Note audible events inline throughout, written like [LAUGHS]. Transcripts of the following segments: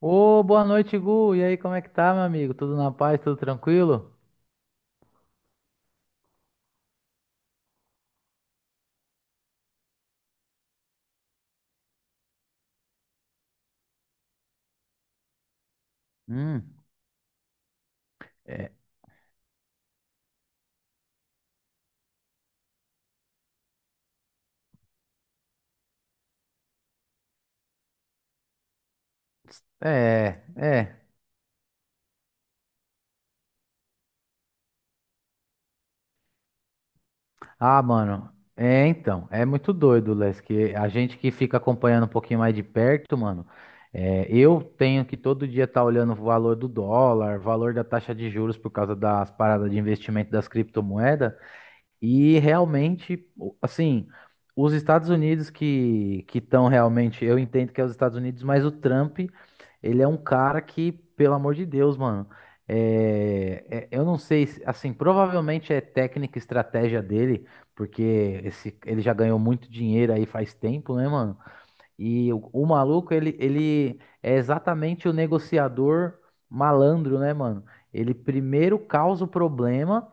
Ô, boa noite, Gu. E aí, como é que tá, meu amigo? Tudo na paz, tudo tranquilo? Hum. É, é, é. Ah, mano, é então, é muito doido, Les, que a gente que fica acompanhando um pouquinho mais de perto, mano, é, eu tenho que todo dia estar olhando o valor do dólar, valor da taxa de juros por causa das paradas de investimento das criptomoedas. E realmente, assim, os Estados Unidos que estão realmente, eu entendo que é os Estados Unidos, mas o Trump, ele é um cara que, pelo amor de Deus, mano, eu não sei, assim, provavelmente é técnica e estratégia dele, porque ele já ganhou muito dinheiro aí faz tempo, né, mano? E o maluco, ele é exatamente o negociador malandro, né, mano? Ele primeiro causa o problema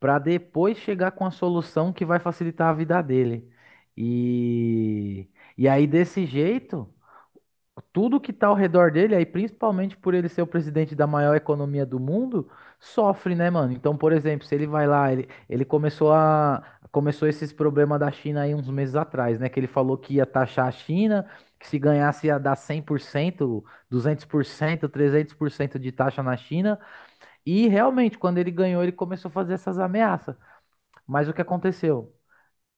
para depois chegar com a solução que vai facilitar a vida dele. E, e aí, desse jeito, tudo que está ao redor dele, aí principalmente por ele ser o presidente da maior economia do mundo, sofre, né, mano? Então, por exemplo, se ele vai lá, ele começou a. Começou esses problemas da China aí uns meses atrás, né? Que ele falou que ia taxar a China, que se ganhasse ia dar cem por cento 200%, 300% de taxa na China. E realmente, quando ele ganhou, ele começou a fazer essas ameaças. Mas o que aconteceu?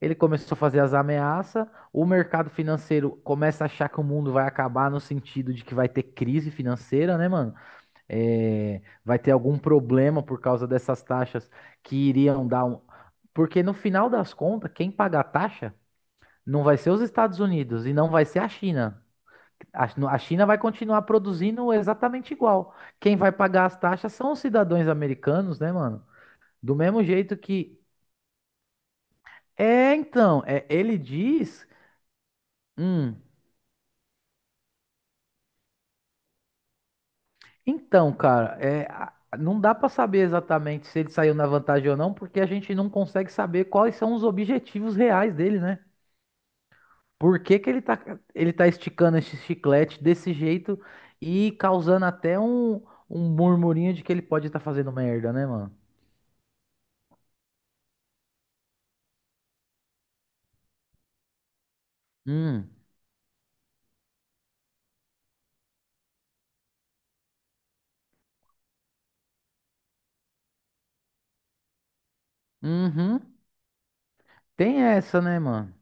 Ele começou a fazer as ameaças, o mercado financeiro começa a achar que o mundo vai acabar no sentido de que vai ter crise financeira, né, mano? É, vai ter algum problema por causa dessas taxas que iriam dar um. Porque no final das contas, quem paga a taxa não vai ser os Estados Unidos e não vai ser a China. A a China vai continuar produzindo exatamente igual. Quem vai pagar as taxas são os cidadãos americanos, né, mano? Do mesmo jeito que É, então, é, ele diz. Hum, então, cara, é, não dá pra saber exatamente se ele saiu na vantagem ou não, porque a gente não consegue saber quais são os objetivos reais dele, né? Por que que ele tá esticando esse chiclete desse jeito e causando até um murmurinho de que ele pode estar fazendo merda, né, mano? Hum, uhum, tem essa, né, mano?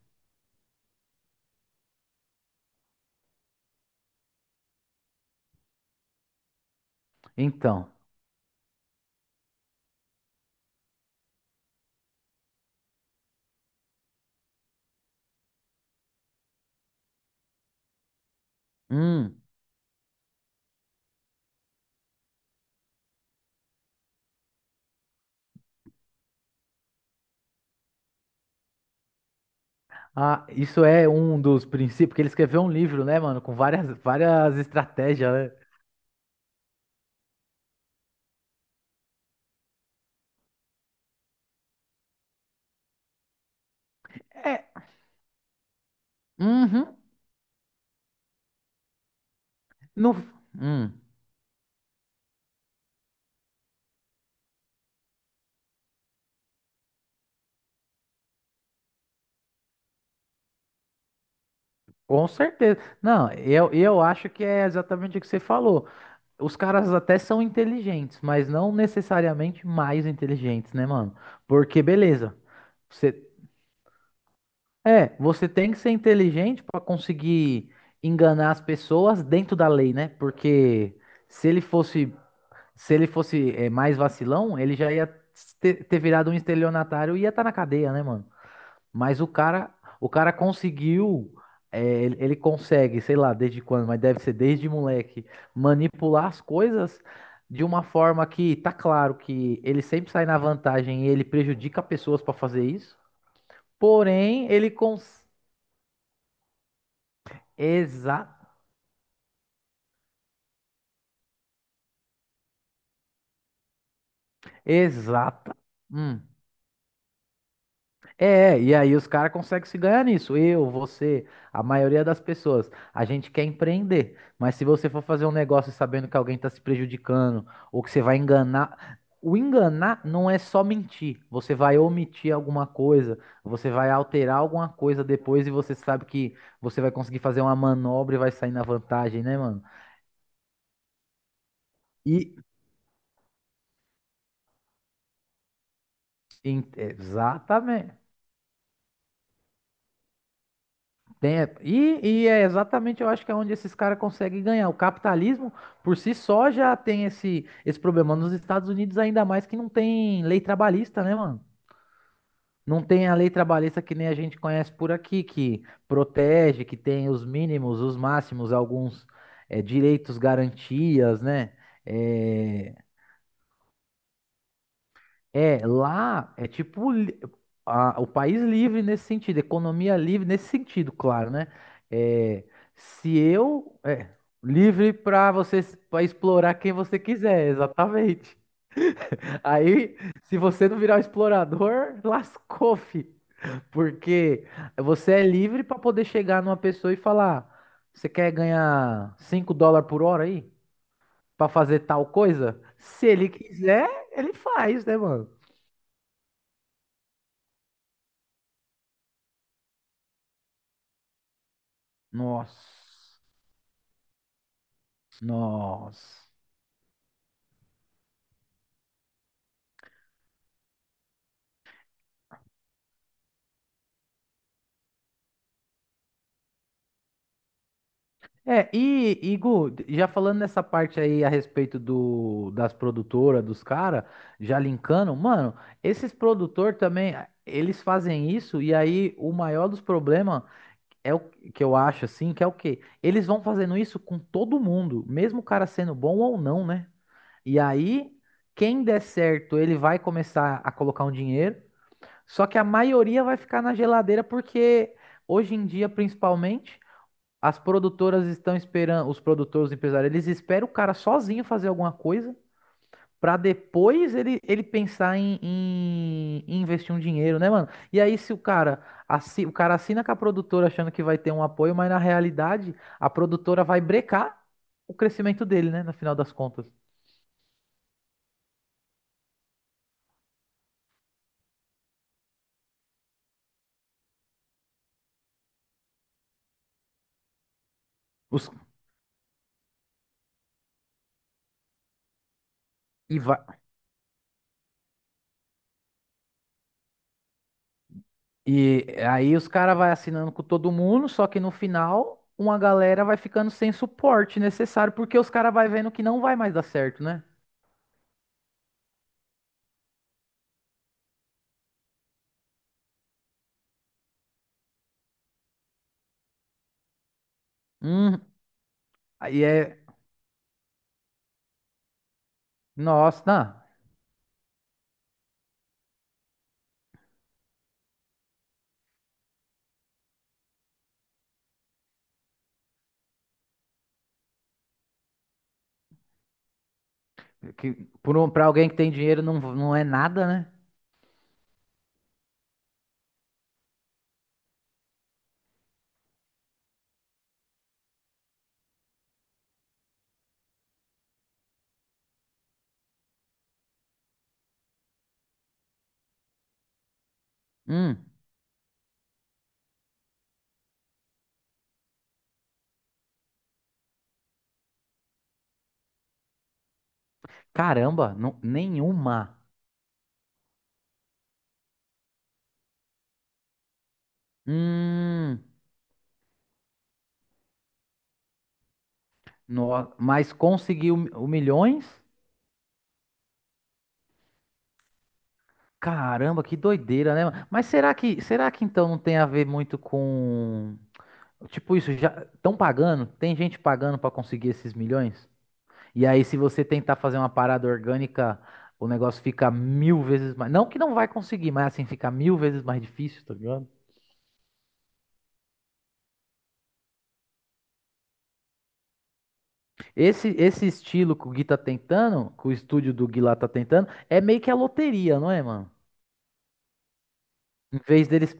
Então. Hum. Ah, isso é um dos princípios, porque ele escreveu um livro, né, mano, com várias, várias estratégias, né? É, uhum, no, hum, com certeza. Não, eu acho que é exatamente o que você falou. Os caras até são inteligentes, mas não necessariamente mais inteligentes, né, mano? Porque, beleza, você, você tem que ser inteligente pra conseguir enganar as pessoas dentro da lei, né? Porque se ele fosse se ele fosse mais vacilão, ele já ia ter virado um estelionatário e ia estar na cadeia, né, mano? Mas o cara conseguiu, é, ele consegue, sei lá, desde quando, mas deve ser desde moleque, manipular as coisas de uma forma que tá claro que ele sempre sai na vantagem e ele prejudica pessoas pra fazer isso. Porém, Exa... Exata. Hum. É, e aí os caras conseguem se ganhar nisso. Eu, você, a maioria das pessoas. A gente quer empreender, mas se você for fazer um negócio sabendo que alguém está se prejudicando ou que você vai enganar. O enganar não é só mentir. Você vai omitir alguma coisa, você vai alterar alguma coisa depois e você sabe que você vai conseguir fazer uma manobra e vai sair na vantagem, né, mano? E, exatamente. E é exatamente, eu acho que é onde esses caras conseguem ganhar. O capitalismo, por si só, já tem esse problema. Nos Estados Unidos, ainda mais que não tem lei trabalhista, né, mano? Não tem a lei trabalhista que nem a gente conhece por aqui, que protege, que tem os mínimos, os máximos, alguns direitos, garantias, né? É, É, lá é tipo o país livre nesse sentido, economia livre nesse sentido, claro, né? É, se eu é livre para você para explorar quem você quiser, exatamente. [LAUGHS] Aí, se você não virar um explorador, [LAUGHS] lascou, fi, porque você é livre para poder chegar numa pessoa e falar: você quer ganhar US$ 5 por hora aí para fazer tal coisa? Se ele quiser, ele faz, né, mano? Nossa. Nossa. É, e Gu, já falando nessa parte aí a respeito das produtoras, dos caras, já linkando, mano, esses produtor também, eles fazem isso e aí o maior dos problemas é o que eu acho assim, que é o quê? Eles vão fazendo isso com todo mundo, mesmo o cara sendo bom ou não, né? E aí, quem der certo, ele vai começar a colocar um dinheiro, só que a maioria vai ficar na geladeira porque hoje em dia, principalmente. As produtoras estão esperando, os produtores, os empresários, eles esperam o cara sozinho fazer alguma coisa pra depois ele pensar em investir um dinheiro, né, mano? E aí se o cara, o cara assina com a produtora achando que vai ter um apoio, mas na realidade a produtora vai brecar o crescimento dele, né, no final das contas. Os- e, vai- e aí os caras vai assinando com todo mundo, só que no final uma galera vai ficando sem suporte necessário porque os caras vai vendo que não vai mais dar certo, né? Uhum. Aí é. Nossa, não. Que, pra alguém que tem dinheiro não, não é nada, né? Hum, caramba, nenhuma. Hum, no, mas conseguiu o milhões? Caramba, que doideira, né, mano? Mas será que então não tem a ver muito com. Tipo, isso já. Estão pagando? Tem gente pagando pra conseguir esses milhões? E aí, se você tentar fazer uma parada orgânica, o negócio fica mil vezes mais. Não que não vai conseguir, mas assim, fica mil vezes mais difícil, tá ligado? Esse estilo que o Gui tá tentando, que o estúdio do Gui lá tá tentando, é meio que a loteria, não é, mano? Em vez deles,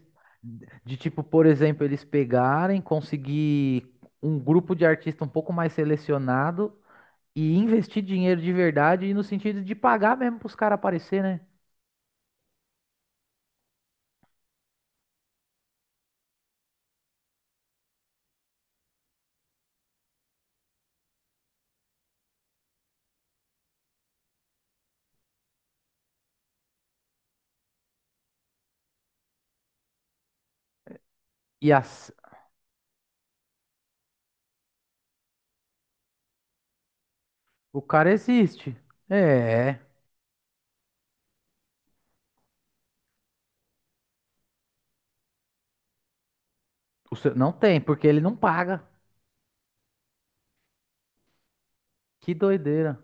de tipo, por exemplo, eles pegarem, conseguir um grupo de artista um pouco mais selecionado e investir dinheiro de verdade, e no sentido de pagar mesmo pros caras aparecer, né? E as, o cara existe. É, não tem, porque ele não paga. Que doideira.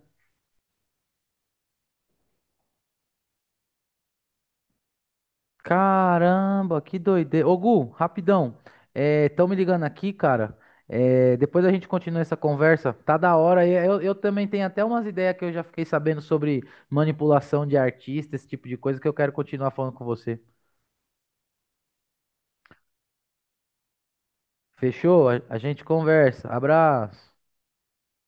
Caramba, que doideira. Ô, Gu, rapidão. Estão me ligando aqui, cara. É, depois a gente continua essa conversa. Tá da hora. Eu também tenho até umas ideias que eu já fiquei sabendo sobre manipulação de artista, esse tipo de coisa que eu quero continuar falando com você. Fechou? A gente conversa. Abraço.